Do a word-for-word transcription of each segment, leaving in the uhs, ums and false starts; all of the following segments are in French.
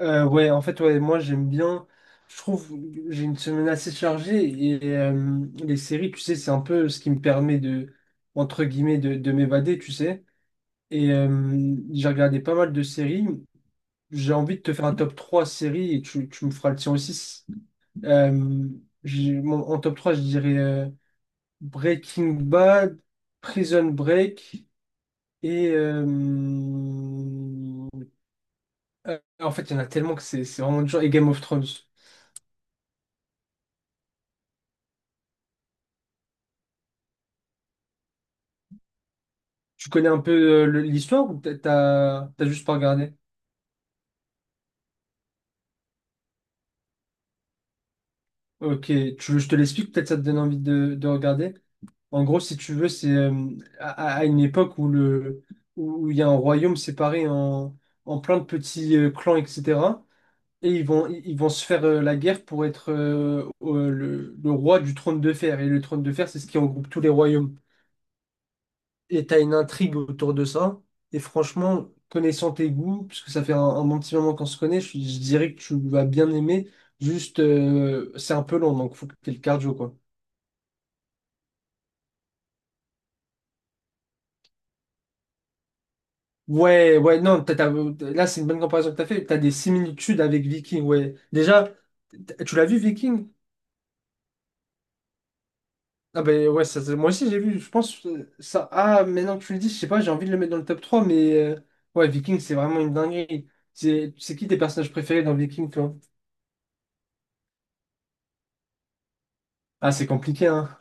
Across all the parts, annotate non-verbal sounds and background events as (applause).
Euh, ouais, en fait, ouais, moi j'aime bien. Je trouve que j'ai une semaine assez chargée et euh, les séries, tu sais, c'est un peu ce qui me permet de, entre guillemets, de, de m'évader, tu sais. Et euh, j'ai regardé pas mal de séries. J'ai envie de te faire un top trois séries et tu, tu me feras le tien aussi. Euh, j'ai- mon- en top trois je dirais euh, Breaking Bad, Prison Break et. euh, euh, en fait, il y en a tellement que c'est c'est vraiment dur. Et Game of Thrones. Tu connais un peu euh, l'histoire ou peut t'as t'as juste pas regardé? Ok, tu veux, je te l'explique, peut-être ça te donne envie de, de regarder. En gros, si tu veux, c'est euh, à, à- une époque où le où où il y a un royaume séparé en, en plein de petits euh, clans, et cætera. Et ils vont ils ils vont se faire euh, la guerre pour être euh, euh, le, le roi du trône de fer. Et le trône de fer, c'est ce qui regroupe tous les royaumes. Et t'as une intrigue autour de ça. Et franchement, connaissant tes goûts, puisque ça fait un, un bon petit moment qu'on se connaît, je, je dirais que tu vas bien aimer. Juste, euh, c'est un peu long, donc faut que t'aies le cardio, quoi. Ouais, ouais, non, t'as- t'as- là, c'est une bonne comparaison que t'as fait. T'as des similitudes avec Viking, ouais. Déjà, t- tu l'as vu, Viking? Ah ben ouais, ça, ça- moi aussi j'ai vu, je pense, euh, ça... Ah, maintenant que tu le dis, je sais pas, j'ai envie de le mettre dans le top trois mais... euh, ouais, Viking, c'est vraiment une dinguerie. C'est c'est qui tes personnages préférés dans Viking, toi? Ah, c'est compliqué, hein.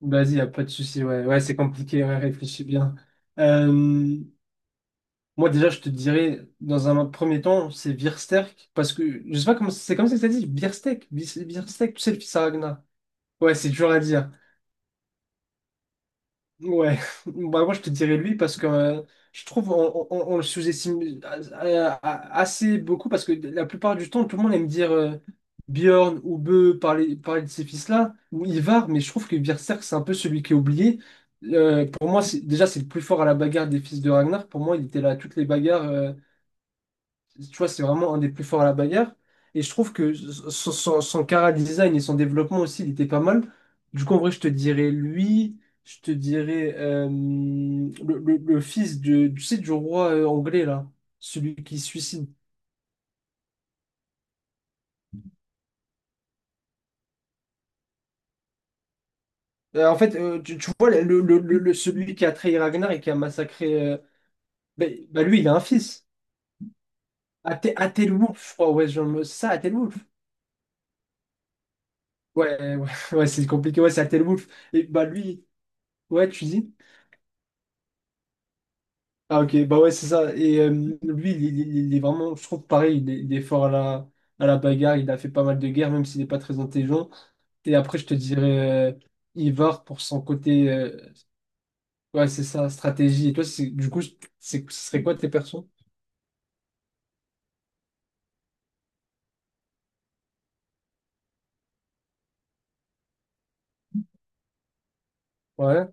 Vas-y, y a pas de souci. Ouais, ouais, c'est compliqué, ouais, réfléchis bien. Euh, Moi, déjà, je te dirais, dans un premier temps, c'est Biersterk, parce que je sais pas comment c'est comme ça que ça dit. Biersterk, Bis- Biersterk, tu sais, le fils à Ragnar. Ouais, c'est dur à dire. Ouais, (laughs) bah moi je te dirais lui parce que euh, je trouve on, on- on le sous-estime euh, assez beaucoup parce que la plupart du temps tout le monde aime dire euh, Bjorn ou Bö parler, parler de ces fils-là ou Ivar mais je trouve que Berserk c'est un peu celui qui est oublié. Euh, pour moi c'est déjà c'est le plus fort à la bagarre des fils de Ragnar. Pour moi il était là à toutes les bagarres, euh, tu vois, c'est vraiment un des plus forts à la bagarre. Et je trouve que son, son, son chara design et son développement aussi, il était pas mal. Du coup, en vrai, je te dirais lui, je te dirais euh, le, le- le fils de, tu sais, du roi euh, anglais, là, celui qui se suicide. Euh, en fait, euh, tu, tu vois, le, le, le- le- celui qui a trahi Ragnar et qui a massacré. euh, bah, Bah, lui, il a un fils. Athel- Athelwulf, je crois, ouais, genre c'est ça, Athelwulf. Ouais, ouais, (laughs) ouais, c'est compliqué, ouais, c'est Athelwulf. Et bah lui, ouais, tu dis. Ah ok, bah ouais, c'est ça. Et euh, lui, il, il- il- est vraiment, je trouve pareil, il est, il est fort à la, à la bagarre, il a fait pas mal de guerres, même s'il n'est pas très intelligent. Et après, je te dirais euh, Ivar pour son côté, euh, ouais, c'est ça, stratégie. Et toi, c'est, du coup, c'est, ce serait quoi tes persos? Ouais.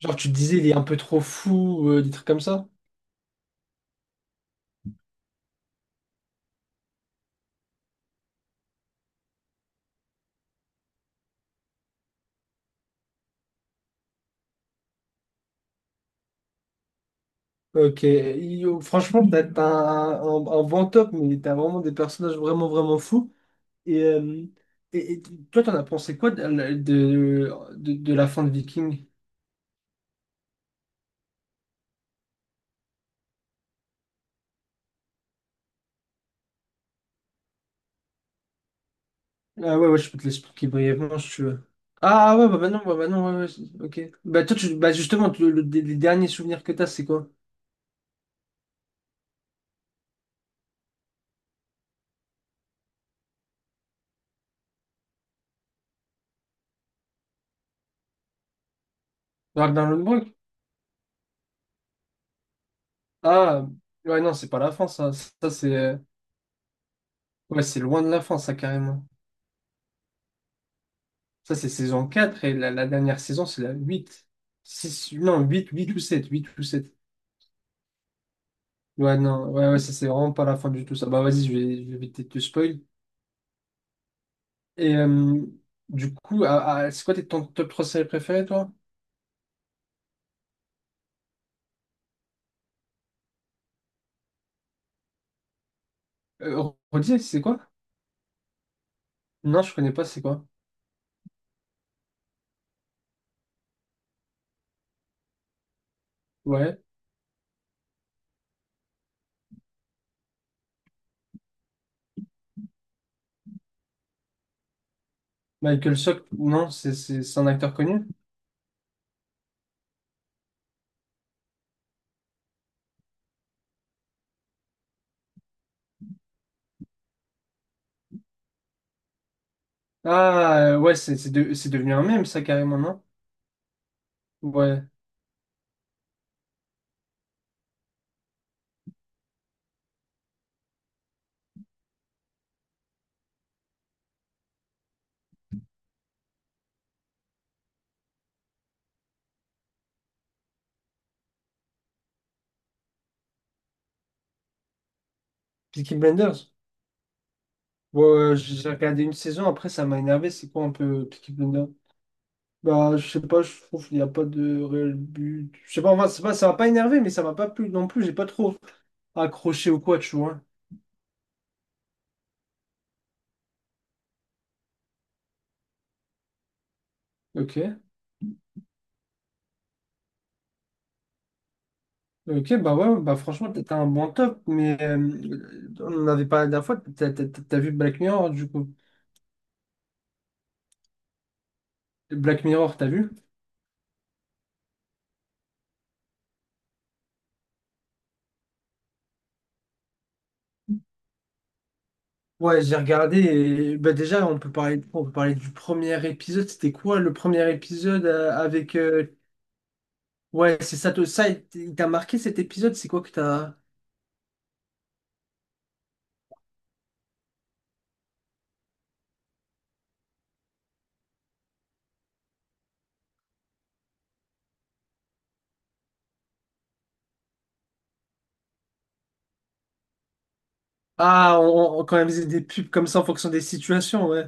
Genre, tu te disais, il est un peu trop fou, euh, des trucs comme ça. Ok, Il- franchement, t'as t'as un, un, un bon top, mais t'as vraiment des personnages vraiment, vraiment fous. Et, euh, et, et toi, t'en as pensé quoi de, de, de- de la fin de Viking? Ah ouais, ouais, je peux te l'expliquer brièvement si tu veux. Ah ouais, bah, bah non, bah, bah non, ouais, ouais, c'est- ok. Bah toi, tu, bah justement, tu- le- les derniers souvenirs que t'as, c'est quoi? Ragnarok? Ah, ouais, non, c'est pas la fin, ça. Ça, c'est euh, ouais, c'est loin de la fin, ça, carrément. Ça, c'est saison quatre et la, la dernière saison, c'est la huit. Six non, huit, huit ou sept huit ou sept. Ouais, non, ouais, ouais, ça, c'est vraiment pas la fin du tout, ça. Bah vas-y, je vais, je vais éviter de te spoil. Et euh, du coup, à- à- c'est quoi tes- ton top trois séries préférées, toi? Euh, redis, c'est quoi? Non, je connais pas, c'est quoi? Ouais. Michael Sock, non, c'est c'est- c'est un acteur connu. Ah, euh, ouais, c'est c'est de- c'est devenu un mème, ça, carrément, non? Ouais. Peaky Blinders. Ouais, ouais, ouais, j'ai regardé une saison, après, ça m'a énervé. C'est quoi un peu euh, Peaky Blinders? Bah, je sais pas, je trouve qu'il n'y a pas de réel but. Je sais pas, enfin, c'est pas, ça m'a pas énervé, mais ça m'a pas plu non plus. J'ai pas trop accroché ou quoi, tu vois. Ok. Ok, bah ouais, bah franchement, t'as t'as un bon top, mais euh, on en avait parlé la dernière fois, t'as t'as- t'as vu Black Mirror, du coup. Black Mirror, t'as vu? Ouais, j'ai regardé et bah déjà on peut parler on peut parler du premier épisode, c'était quoi le premier épisode euh, avec euh, ouais, c'est ça te- ça il t- il t'a marqué cet épisode, c'est quoi que t'as. Ah, on, on- quand même faisait des pubs comme ça en fonction des situations, ouais.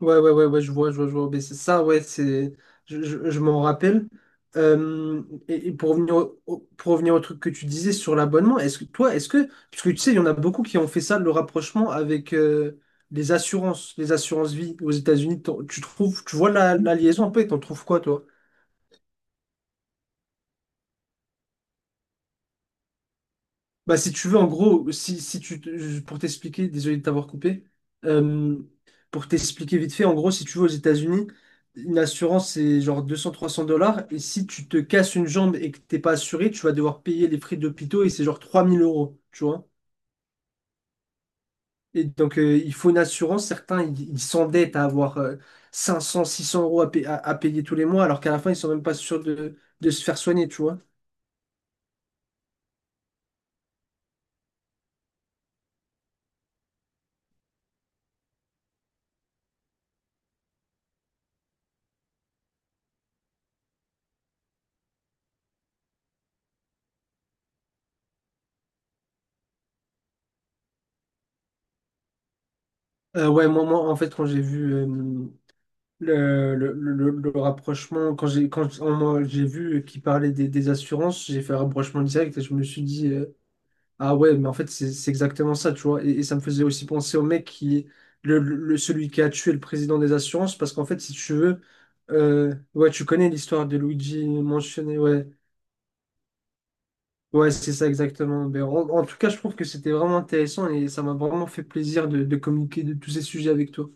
Ouais, ouais, ouais, ouais, je vois, je vois, je vois. Mais c'est ça, ouais, c'est, je, je, je m'en rappelle. Euh, et, et pour revenir au, au- pour revenir au truc que tu disais sur l'abonnement, est-ce que toi, est-ce que, parce que tu sais, il y en a beaucoup qui ont fait ça, le rapprochement avec euh, les assurances, les assurances vie aux États-Unis. T'en- Tu trouves, tu vois la, la liaison un peu et t'en trouves quoi, toi? Bah, si tu veux, en gros, si, si tu, te- pour t'expliquer, désolé de t'avoir coupé, euh, pour t'expliquer vite fait, en gros, si tu vas aux États-Unis, une assurance, c'est genre deux trois cents dollars. Et si tu te casses une jambe et que t'es pas assuré, tu vas devoir payer les frais d'hôpitaux et c'est genre trois mille euros, tu vois. Et donc, euh, il faut une assurance. Certains, ils ils s'endettent à avoir euh, cinq cents, six cents euros à, pa- à- à payer tous les mois, alors qu'à la fin, ils sont même pas sûrs de, de se faire soigner, tu vois. Euh, ouais, moi, moi, en fait, quand j'ai vu. Euh, Le, le, le, le rapprochement, quand j'ai quand on m'a- j'ai vu qu'il parlait des, des assurances, j'ai fait un rapprochement direct et je me suis dit, euh, ah ouais, mais en fait, c'est c'est exactement ça, tu vois. Et, et ça me faisait aussi penser au mec qui, le, le, celui qui a tué le président des assurances, parce qu'en fait, si tu veux, euh, ouais, tu connais l'histoire de Luigi mentionné, ouais, ouais, c'est ça exactement. Ben en, en tout cas, je trouve que c'était vraiment intéressant et ça m'a vraiment fait plaisir de, de communiquer de tous ces sujets avec toi.